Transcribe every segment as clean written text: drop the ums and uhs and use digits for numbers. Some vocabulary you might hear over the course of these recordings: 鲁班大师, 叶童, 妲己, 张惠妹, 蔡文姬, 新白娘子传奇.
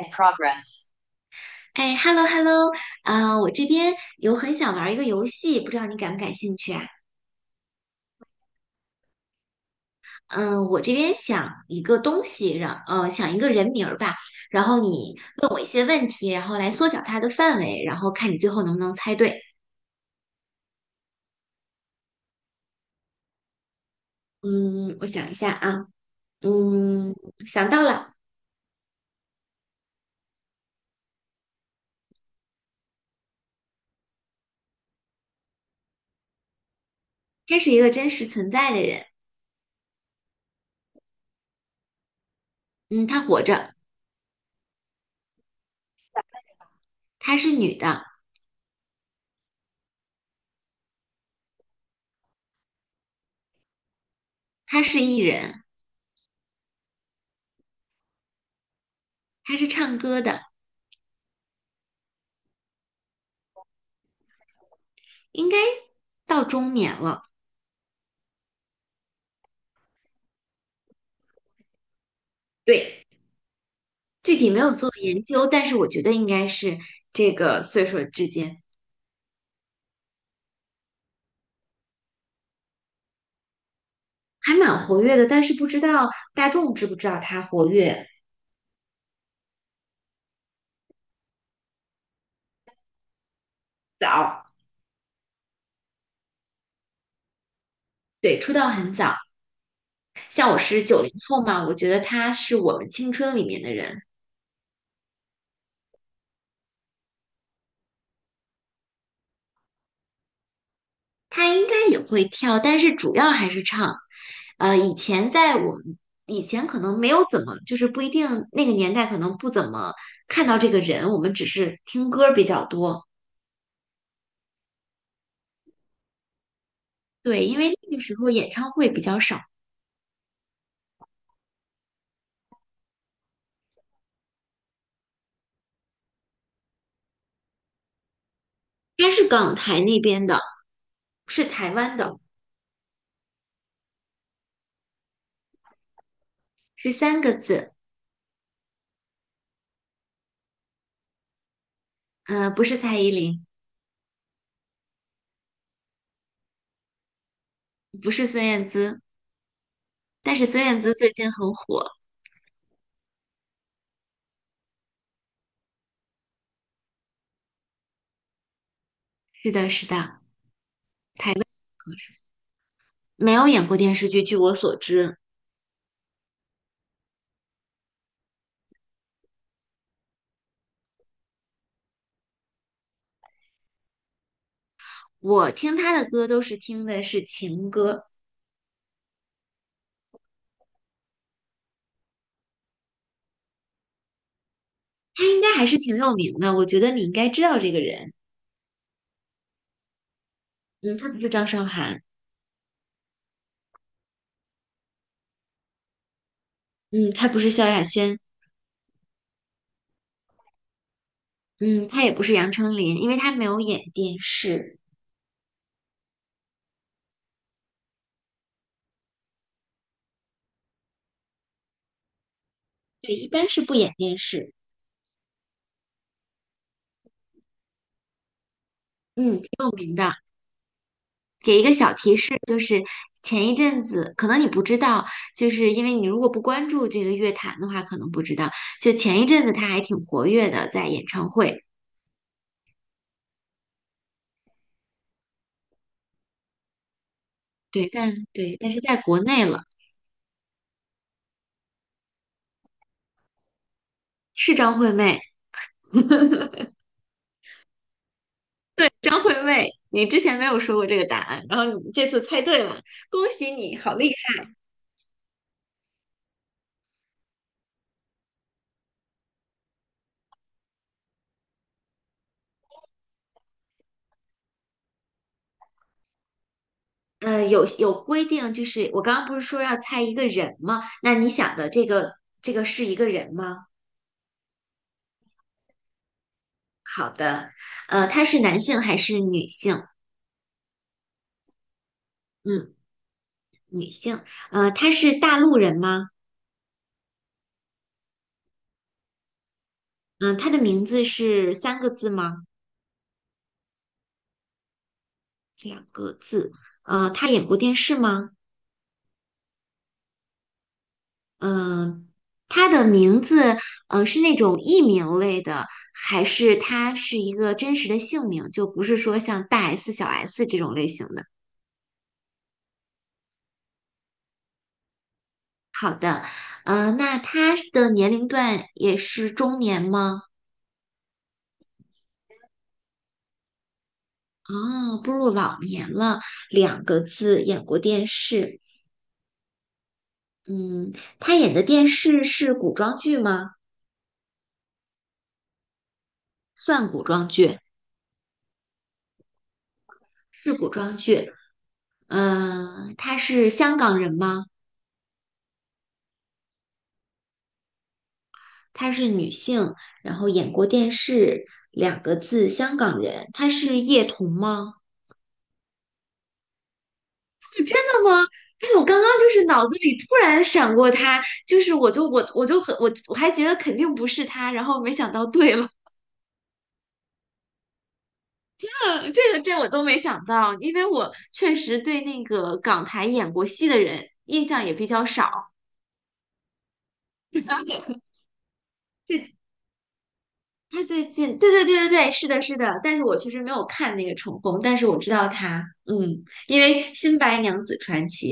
in progress. 哎，hello hello，啊、我这边有很想玩一个游戏，不知道你感不感兴趣啊？嗯、我这边想一个东西，让想一个人名儿吧，然后你问我一些问题，然后来缩小它的范围，然后看你最后能不能猜对。嗯，我想一下啊，嗯，想到了，她是一个真实存在的人，嗯，她活着，她是女的，她是艺人，她是唱歌的，应该到中年了，对。具体没有做研究，但是我觉得应该是这个岁数之间还蛮活跃的，但是不知道大众知不知道他活跃早，对，出道很早。像我是90后嘛，我觉得他是我们青春里面的人，他应该也会跳，但是主要还是唱。以前在我们以前可能没有怎么，就是不一定那个年代可能不怎么看到这个人，我们只是听歌比较多。对，因为那个时候演唱会比较少。他是港台那边的，是台湾的，是三个字，不是蔡依林，不是孙燕姿，但是孙燕姿最近很火。是的，是的，台湾歌手没有演过电视剧，据我所知，我听他的歌都是听的是情歌，他应该还是挺有名的，我觉得你应该知道这个人。嗯，他不是张韶涵，嗯，他不是萧亚轩，嗯，他也不是杨丞琳，因为他没有演电视，对，一般是不演电视，嗯，挺有名的。给一个小提示，就是前一阵子，可能你不知道，就是因为你如果不关注这个乐坛的话，可能不知道。就前一阵子他还挺活跃的，在演唱会，对，但是在国内了，是张惠妹，张惠妹。你之前没有说过这个答案，然后你这次猜对了，恭喜你，好厉害！有规定，就是我刚刚不是说要猜一个人吗？那你想的这个是一个人吗？好的，他是男性还是女性？嗯。女性，她是大陆人吗？嗯、她的名字是三个字吗？两个字。她演过电视吗？嗯、她的名字，是那种艺名类的，还是她是一个真实的姓名？就不是说像大 S、小 S 这种类型的。好的，那她的年龄段也是中年吗？哦，步入老年了，两个字，演过电视。嗯，他演的电视是古装剧吗？算古装剧，是古装剧。嗯，她是香港人吗？她是女性，然后演过电视，两个字，香港人。她是叶童吗？真的吗？哎，我刚刚就是脑子里突然闪过她，就是我就很我还觉得肯定不是她，然后没想到对了。这我都没想到，因为我确实对那个港台演过戏的人印象也比较少。他最近，对对对对对，是的，是的，但是我确实没有看那个《重逢》，但是我知道他，嗯，因为《新白娘子传奇》。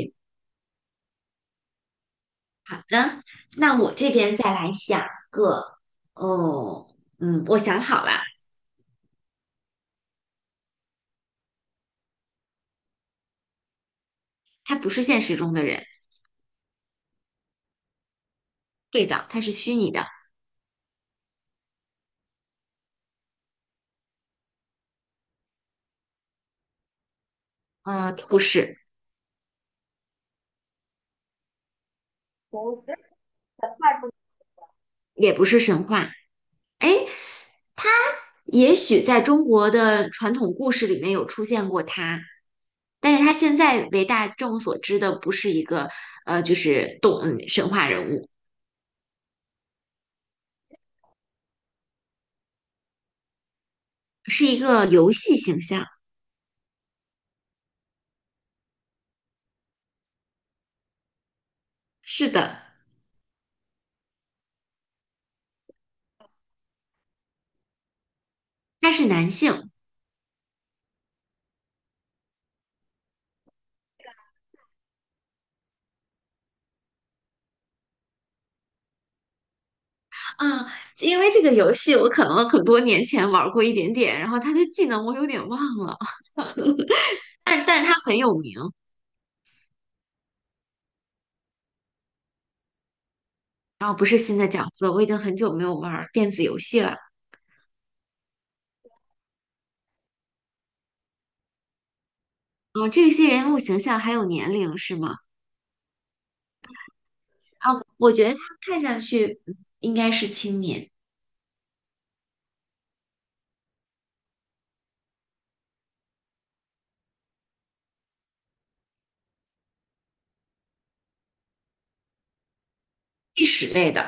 好的，那我这边再来想个，哦，嗯，我想好了，他不是现实中的人，对的，他是虚拟的，不是，也不是神话，哎，也许在中国的传统故事里面有出现过他，但是他现在为大众所知的不是一个，就是神话人物。是一个游戏形象。是的，他是男性啊，因为这个游戏我可能很多年前玩过一点点，然后他的技能我有点忘了，但是他很有名。然后不是新的角色，我已经很久没有玩电子游戏了。啊，这些人物形象还有年龄是吗？啊，我觉得他看上去应该是青年，历史类的，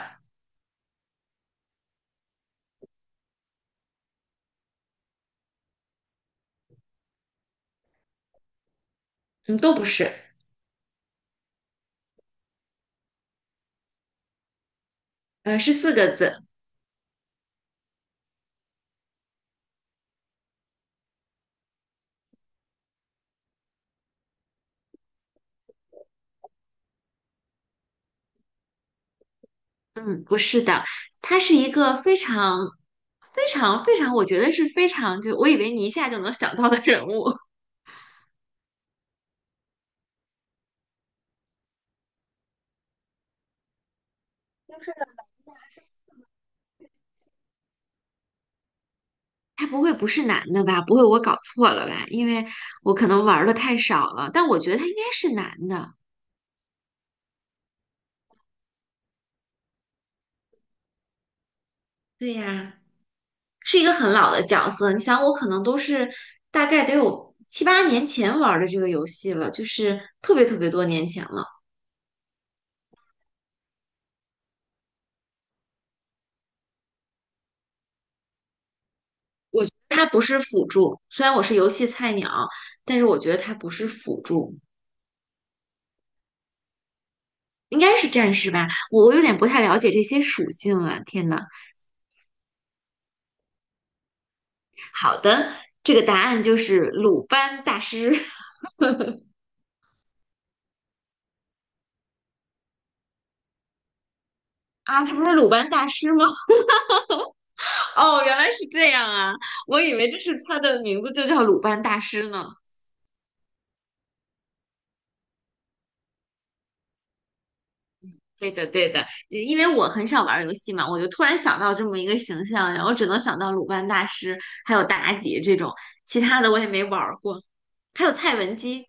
嗯，都不是，是四个字，嗯，不是的，他是一个非常、非常、非常，我觉得是非常，就我以为你一下就能想到的人物。他不会不是男的吧？不会我搞错了吧？因为我可能玩的太少了，但我觉得他应该是男的。对呀，是一个很老的角色。你想，我可能都是大概得有七八年前玩的这个游戏了，就是特别特别多年前了。它不是辅助，虽然我是游戏菜鸟，但是我觉得它不是辅助。应该是战士吧？我有点不太了解这些属性啊，天呐，好的，这个答案就是鲁班大师 啊，这不是鲁班大师吗？哦，原来是这样啊，我以为这是他的名字就叫鲁班大师呢。对的，对的，因为我很少玩游戏嘛，我就突然想到这么一个形象，然后只能想到鲁班大师，还有妲己这种，其他的我也没玩过，还有蔡文姬，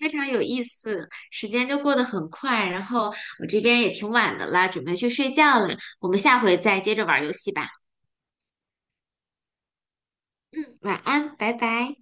非常有意思，时间就过得很快，然后我这边也挺晚的啦，准备去睡觉了，我们下回再接着玩游戏吧。嗯，晚安，拜拜。